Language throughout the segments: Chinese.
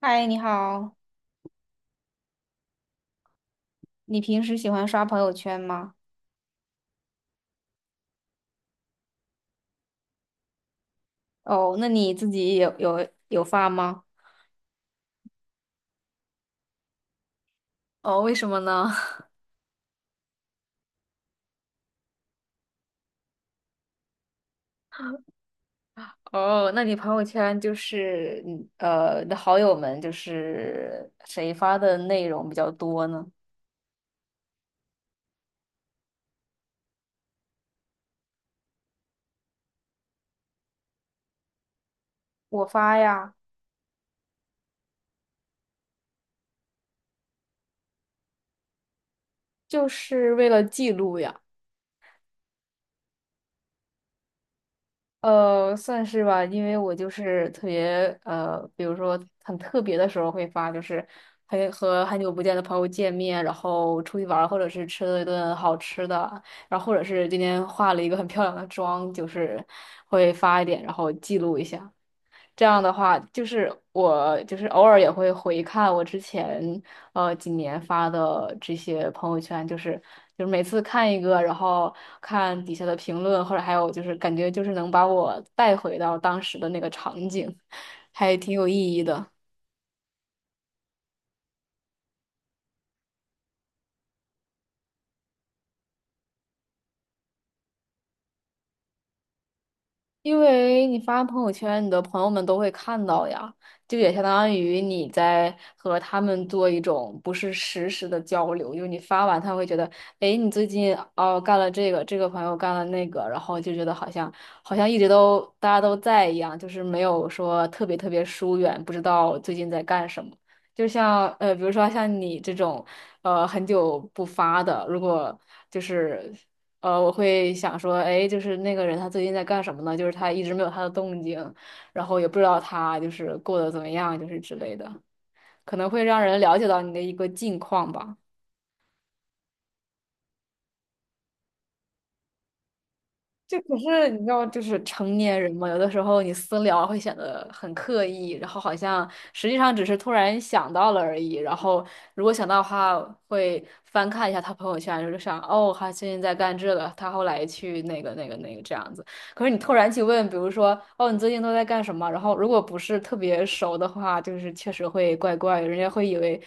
嗨，你好，你平时喜欢刷朋友圈吗？哦，那你自己有发吗？哦，为什么呢？哦，那你朋友圈就是你的好友们就是谁发的内容比较多呢？我发呀，就是为了记录呀。算是吧，因为我就是特别比如说很特别的时候会发，就是和很久不见的朋友见面，然后出去玩儿或者是吃了一顿好吃的，然后或者是今天化了一个很漂亮的妆，就是会发一点，然后记录一下。这样的话，就是我就是偶尔也会回看我之前几年发的这些朋友圈，就是每次看一个，然后看底下的评论，或者还有就是感觉就是能把我带回到当时的那个场景，还挺有意义的。因为你发朋友圈，你的朋友们都会看到呀，就也相当于你在和他们做一种不是实时的交流，就是你发完他会觉得，诶，你最近哦干了这个，这个朋友干了那个，然后就觉得好像一直都大家都在一样，就是没有说特别特别疏远，不知道最近在干什么。就像比如说像你这种，很久不发的，如果就是。我会想说，哎，就是那个人他最近在干什么呢？就是他一直没有他的动静，然后也不知道他就是过得怎么样，就是之类的，可能会让人了解到你的一个近况吧。这可是你知道，就是成年人嘛，有的时候你私聊会显得很刻意，然后好像实际上只是突然想到了而已。然后如果想到的话，会翻看一下他朋友圈，就是想哦，他最近在干这个，他后来去那个这样子。可是你突然去问，比如说哦，你最近都在干什么？然后如果不是特别熟的话，就是确实会怪怪的，人家会以为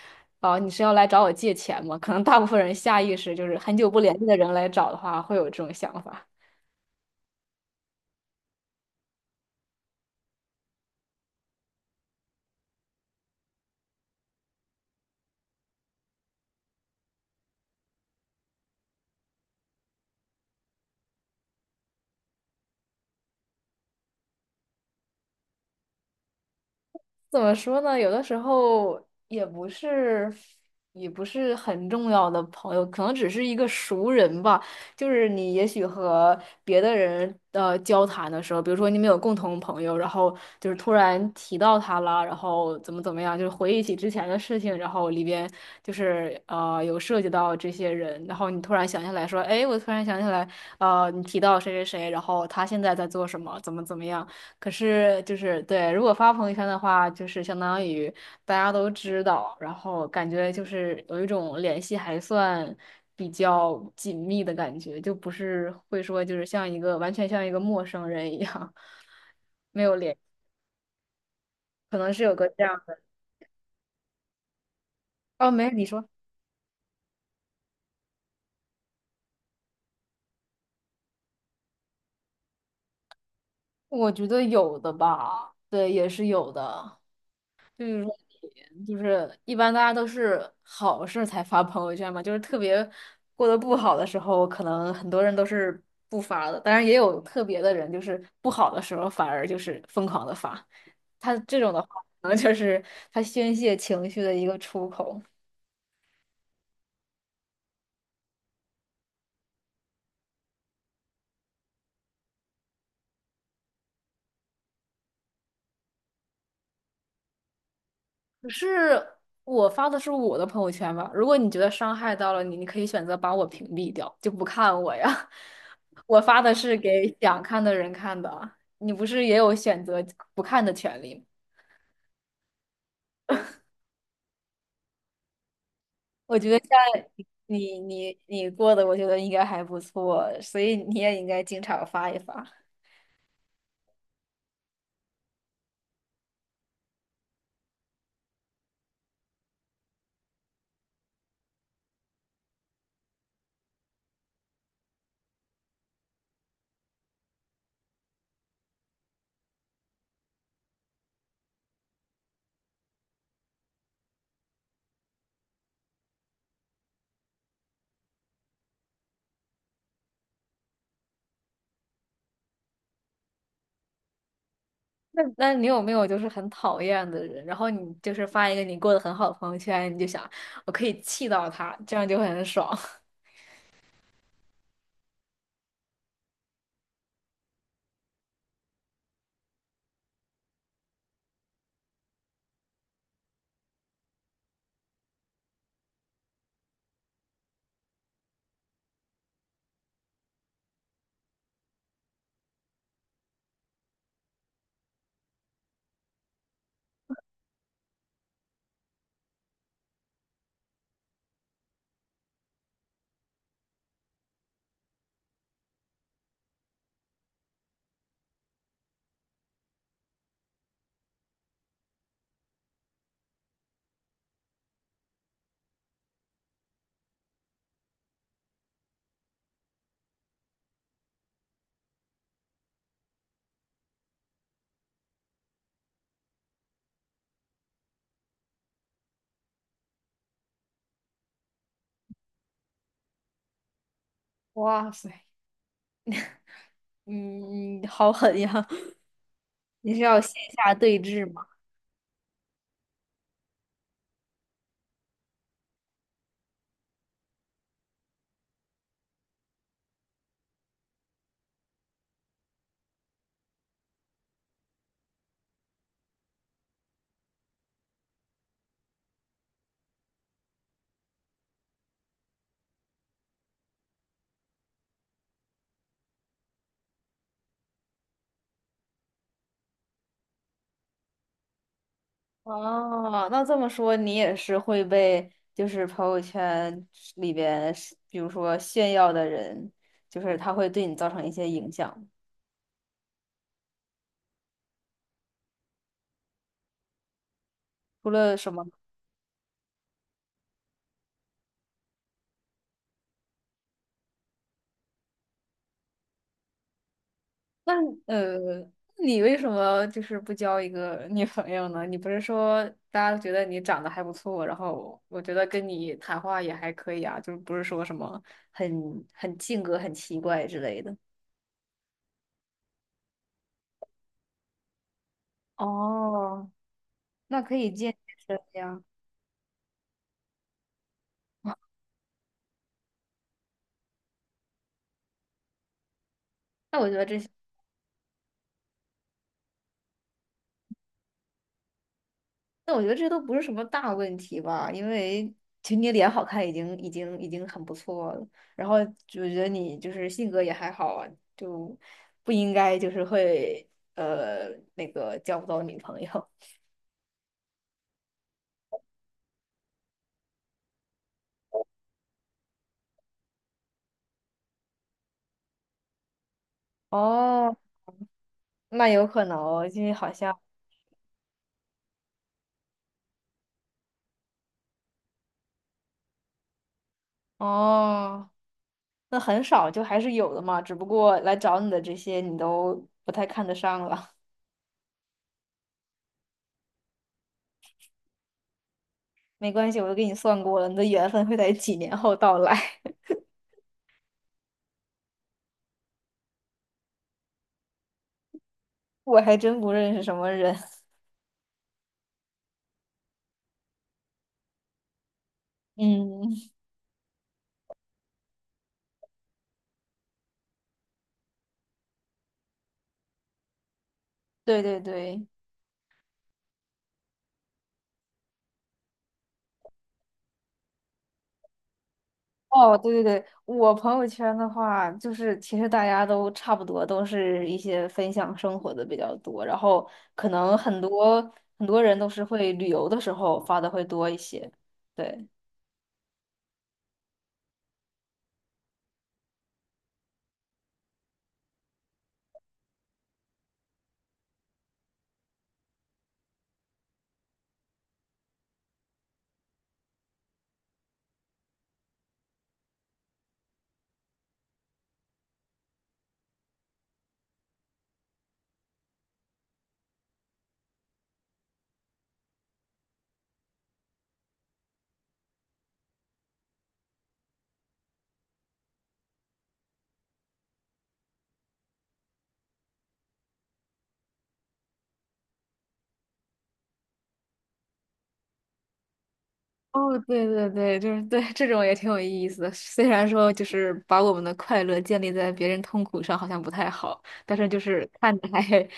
哦，你是要来找我借钱吗？可能大部分人下意识就是很久不联系的人来找的话，会有这种想法。怎么说呢？有的时候也不是，也不是很重要的朋友，可能只是一个熟人吧。就是你也许和别的人交谈的时候，比如说你们有共同朋友，然后就是突然提到他了，然后怎么怎么样，就是回忆起之前的事情，然后里边就是有涉及到这些人，然后你突然想起来说，哎，我突然想起来，你提到谁谁谁，然后他现在在做什么，怎么怎么样。可是就是对，如果发朋友圈的话，就是相当于大家都知道，然后感觉就是有一种联系还算比较紧密的感觉，就不是会说就是像一个完全像一个陌生人一样 没有联，可能是有个这样的。哦，没，你说，我觉得有的吧，对，也是有的。就是说就是一般大家都是好事儿才发朋友圈嘛，就是特别过得不好的时候，可能很多人都是不发的，当然也有特别的人，就是不好的时候反而就是疯狂的发，他这种的话，可能就是他宣泄情绪的一个出口。可是我发的是我的朋友圈吧？如果你觉得伤害到了你，你可以选择把我屏蔽掉，就不看我呀。我发的是给想看的人看的啊，你不是也有选择不看的权利吗？我觉得像你过的，我觉得应该还不错，所以你也应该经常发一发。那你有没有就是很讨厌的人，然后你就是发一个你过得很好的朋友圈，你就想我可以气到他，这样就很爽。哇塞！嗯，好狠呀！你是要线下对峙吗？哦，那这么说，你也是会被就是朋友圈里边是比如说炫耀的人，就是他会对你造成一些影响。除了什么？那呃，你为什么就是不交一个女朋友呢？你不是说大家觉得你长得还不错，然后我觉得跟你谈话也还可以啊，就是不是说什么很很性格很奇怪之类的。哦，那可以健健身呀。那我觉得这些，那我觉得这都不是什么大问题吧，因为其实你脸好看已经很不错了，然后就觉得你就是性格也还好啊，就不应该就是会呃那个交不到女朋友。哦，那有可能哦，因为好像哦，那很少就还是有的嘛，只不过来找你的这些你都不太看得上了。没关系，我都给你算过了，你的缘分会在几年后到来。我还真不认识什么人。嗯，对对对，哦，对对对，我朋友圈的话，就是其实大家都差不多，都是一些分享生活的比较多，然后可能很多人都是会旅游的时候发的会多一些。对，哦，对对对，就是对这种也挺有意思的。虽然说就是把我们的快乐建立在别人痛苦上，好像不太好，但是就是看着还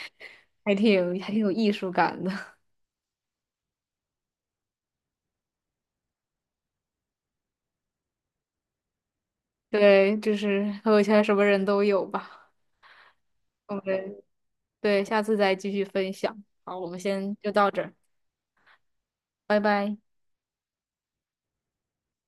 还挺有艺术感的。对，就是朋友圈什么人都有吧。我们对，下次再继续分享。好，我们先就到这儿，拜拜。